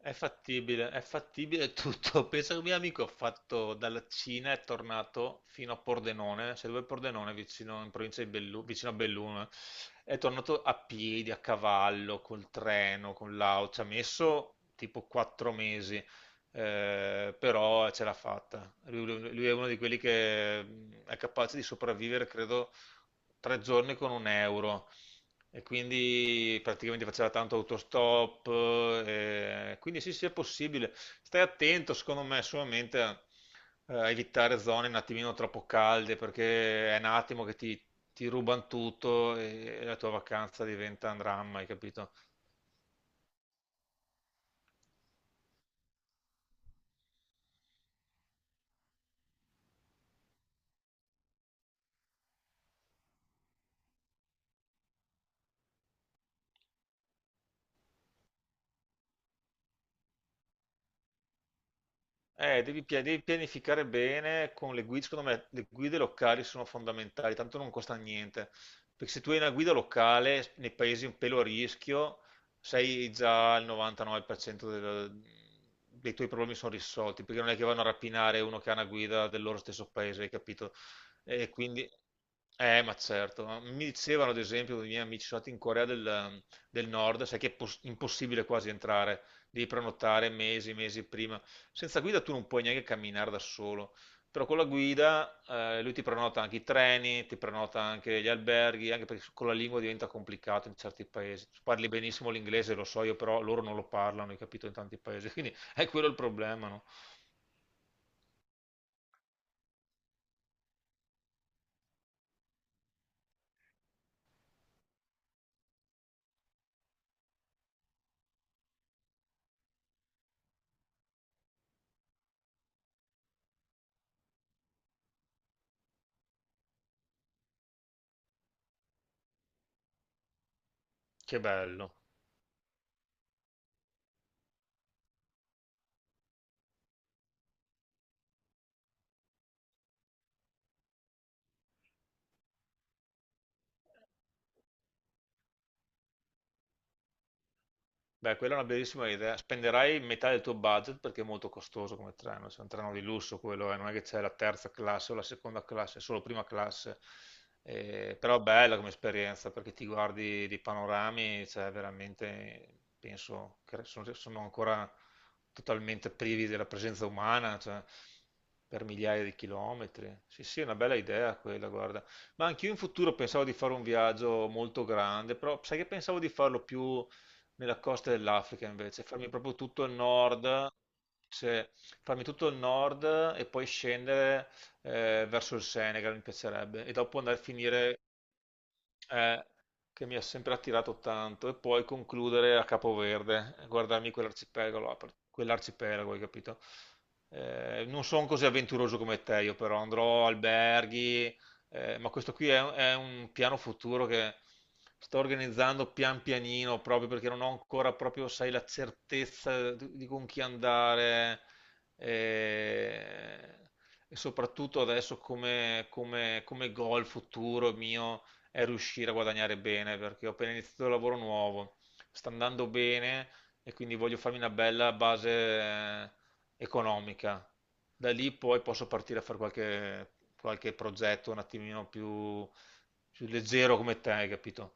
È fattibile tutto. Pensa che un mio amico ha fatto dalla Cina, è tornato fino a Pordenone, cioè dove è Pordenone, vicino, in provincia di Bellu- vicino a Belluno, è tornato a piedi, a cavallo, col treno, con l'auto, ci ha messo tipo quattro mesi, però ce l'ha fatta. Lui è uno di quelli che è capace di sopravvivere, credo, tre giorni con un euro. E quindi praticamente faceva tanto autostop, quindi sì, sì, è possibile. Stai attento, secondo me, solamente a a evitare zone un attimino troppo calde, perché è un attimo che ti rubano tutto e la tua vacanza diventa un dramma, hai capito? Devi pianificare bene con le guide, secondo me le guide locali sono fondamentali, tanto non costa niente, perché se tu hai una guida locale nei paesi un pelo a rischio, sei già al 99% dei tuoi problemi sono risolti, perché non è che vanno a rapinare uno che ha una guida del loro stesso paese, hai capito? E quindi, ma certo, ma mi dicevano ad esempio, i miei amici sono andati in del Nord, sai che è impossibile quasi entrare. Devi prenotare mesi, mesi prima. Senza guida tu non puoi neanche camminare da solo. Però con la guida lui ti prenota anche i treni, ti prenota anche gli alberghi, anche perché con la lingua diventa complicato in certi paesi. Tu parli benissimo l'inglese, lo so io, però loro non lo parlano, hai capito, in tanti paesi. Quindi è quello il problema, no? Che bello. Beh, quella è una bellissima idea. Spenderai metà del tuo budget perché è molto costoso come treno, cioè un treno di lusso quello, non è che c'è la terza classe o la seconda classe, è solo prima classe. Però bella come esperienza perché ti guardi di panorami, cioè veramente penso che sono, sono ancora totalmente privi della presenza umana, cioè, per migliaia di chilometri. Sì, sì, è una bella idea quella, guarda. Ma anch'io in futuro pensavo di fare un viaggio molto grande, però sai che pensavo di farlo più nella costa dell'Africa invece, farmi proprio tutto il nord, cioè farmi tutto il nord e poi scendere verso il Senegal mi piacerebbe e dopo andare a finire eh, che mi ha sempre attirato tanto, e poi concludere a Capoverde, guardarmi quell'arcipelago, hai capito? Non sono così avventuroso come te, io però andrò alberghi, ma questo qui è un piano futuro che sto organizzando pian pianino, proprio perché non ho ancora proprio, sai, la certezza di con chi andare. eh, E soprattutto adesso come goal futuro mio, è riuscire a guadagnare bene, perché ho appena iniziato il lavoro nuovo, sta andando bene e quindi voglio farmi una bella base economica. Da lì poi posso partire a fare qualche progetto un attimino più leggero come te, hai capito?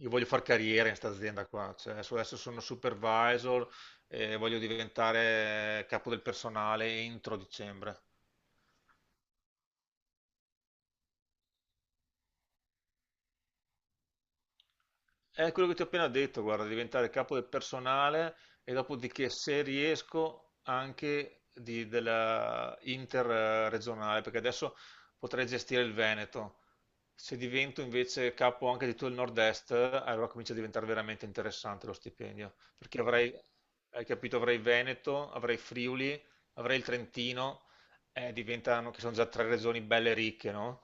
Io voglio fare carriera in questa azienda qua, cioè, adesso sono supervisor e voglio diventare capo del personale entro dicembre. È quello che ti ho appena detto, guarda, diventare capo del personale e dopodiché se riesco anche della interregionale, perché adesso potrei gestire il Veneto. Se divento invece capo anche di tutto il nord-est, allora comincia a diventare veramente interessante lo stipendio, perché avrei, hai capito, avrei Veneto, avrei Friuli, avrei il Trentino, diventano, che sono già tre regioni belle ricche, no?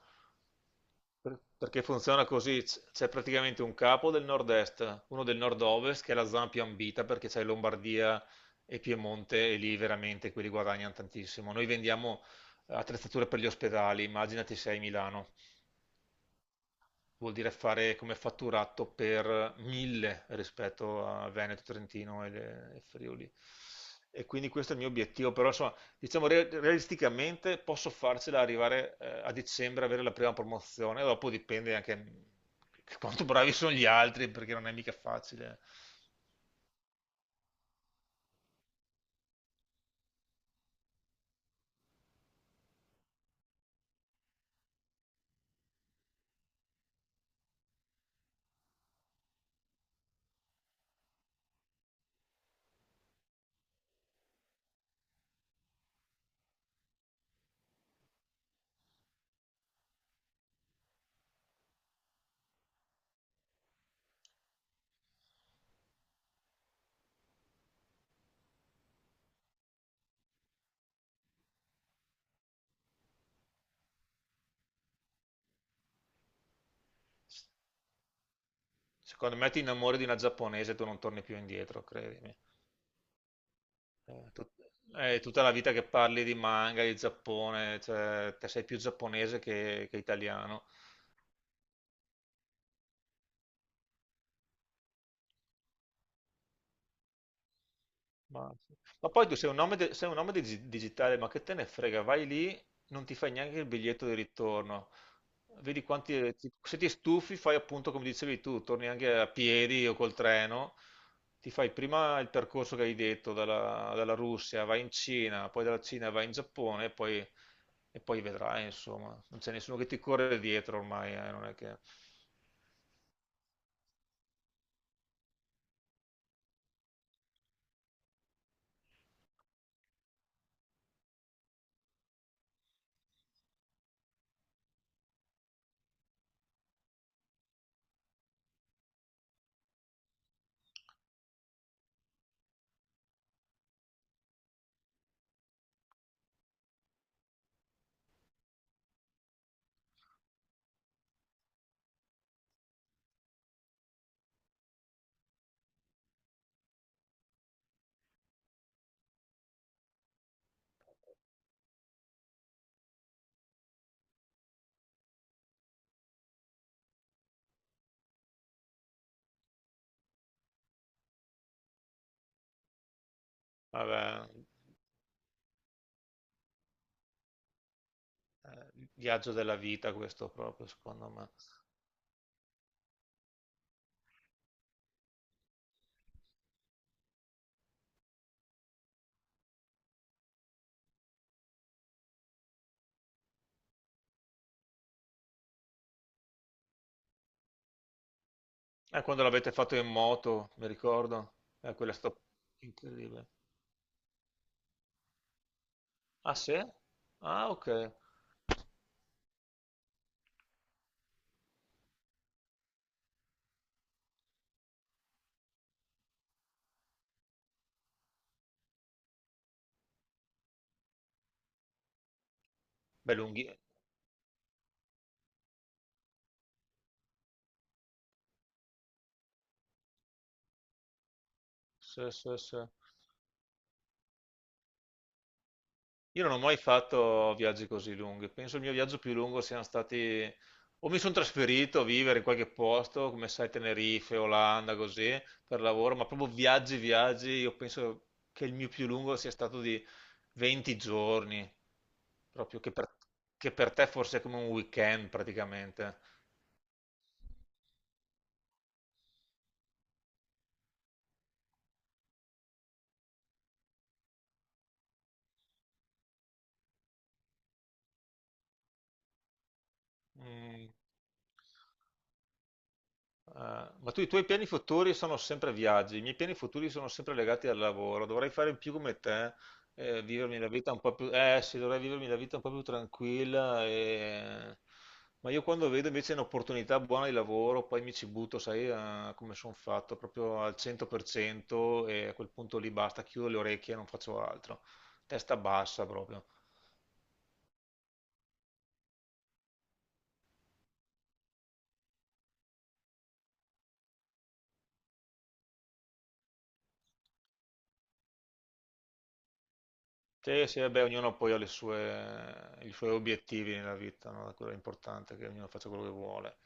Perché funziona così, c'è praticamente un capo del nord-est, uno del nord-ovest che è la zona più ambita perché c'è Lombardia e Piemonte e lì veramente quelli guadagnano tantissimo. Noi vendiamo attrezzature per gli ospedali, immaginati se sei a Milano vuol dire fare come fatturato per mille rispetto a Veneto, Trentino e Friuli. E quindi questo è il mio obiettivo, però insomma, diciamo realisticamente posso farcela arrivare a dicembre, avere la prima promozione, dopo dipende anche che quanto bravi sono gli altri, perché non è mica facile. S- Secondo me ti innamori di una giapponese e tu non torni più indietro, credimi. Eh, tut- è tutta la vita che parli di manga, di Giappone, cioè, te sei più giapponese che italiano. Ma, ma poi tu sei un nome, sei un nome digitale, ma che te ne frega? Vai lì, non ti fai neanche il biglietto di ritorno. Vedi quanti... Se ti stufi, fai appunto come dicevi tu, torni anche a piedi o col treno. Ti fai prima il percorso che hai detto, dalla Russia, vai in Cina, poi dalla Cina vai in Giappone, e poi vedrai, insomma. Non c'è nessuno che ti corre dietro ormai, non è che... Vabbè, il viaggio della vita questo proprio, secondo me. Quando l'avete fatto in moto, mi ricordo. Quella è stata incredibile. Ah, sì? Ah, ok. Beh, lunghi. Sì, sì, sì. Io non ho mai fatto viaggi così lunghi. Penso il mio viaggio più lungo siano stati... O mi sono trasferito a vivere in qualche posto, come sai, Tenerife, Olanda, così, per lavoro, ma proprio viaggi, io penso che il mio più lungo sia stato di 20 giorni, proprio che per te forse è come un weekend praticamente. Mm. Ah, ma tu i tuoi piani futuri sono sempre viaggi, i miei piani futuri sono sempre legati al lavoro. Dovrei fare più come te, vivermi la vita un po' più, eh sì, dovrei vivermi la vita un po' più tranquilla. Ma io quando vedo invece un'opportunità buona di lavoro, poi mi ci butto, sai, come sono fatto, proprio al 100% e a quel punto lì basta, chiudo le orecchie e non faccio altro. Testa bassa proprio. Sì, sì, vabbè, ognuno poi ha i suoi obiettivi nella vita, no? Quello è importante, che ognuno faccia quello che vuole.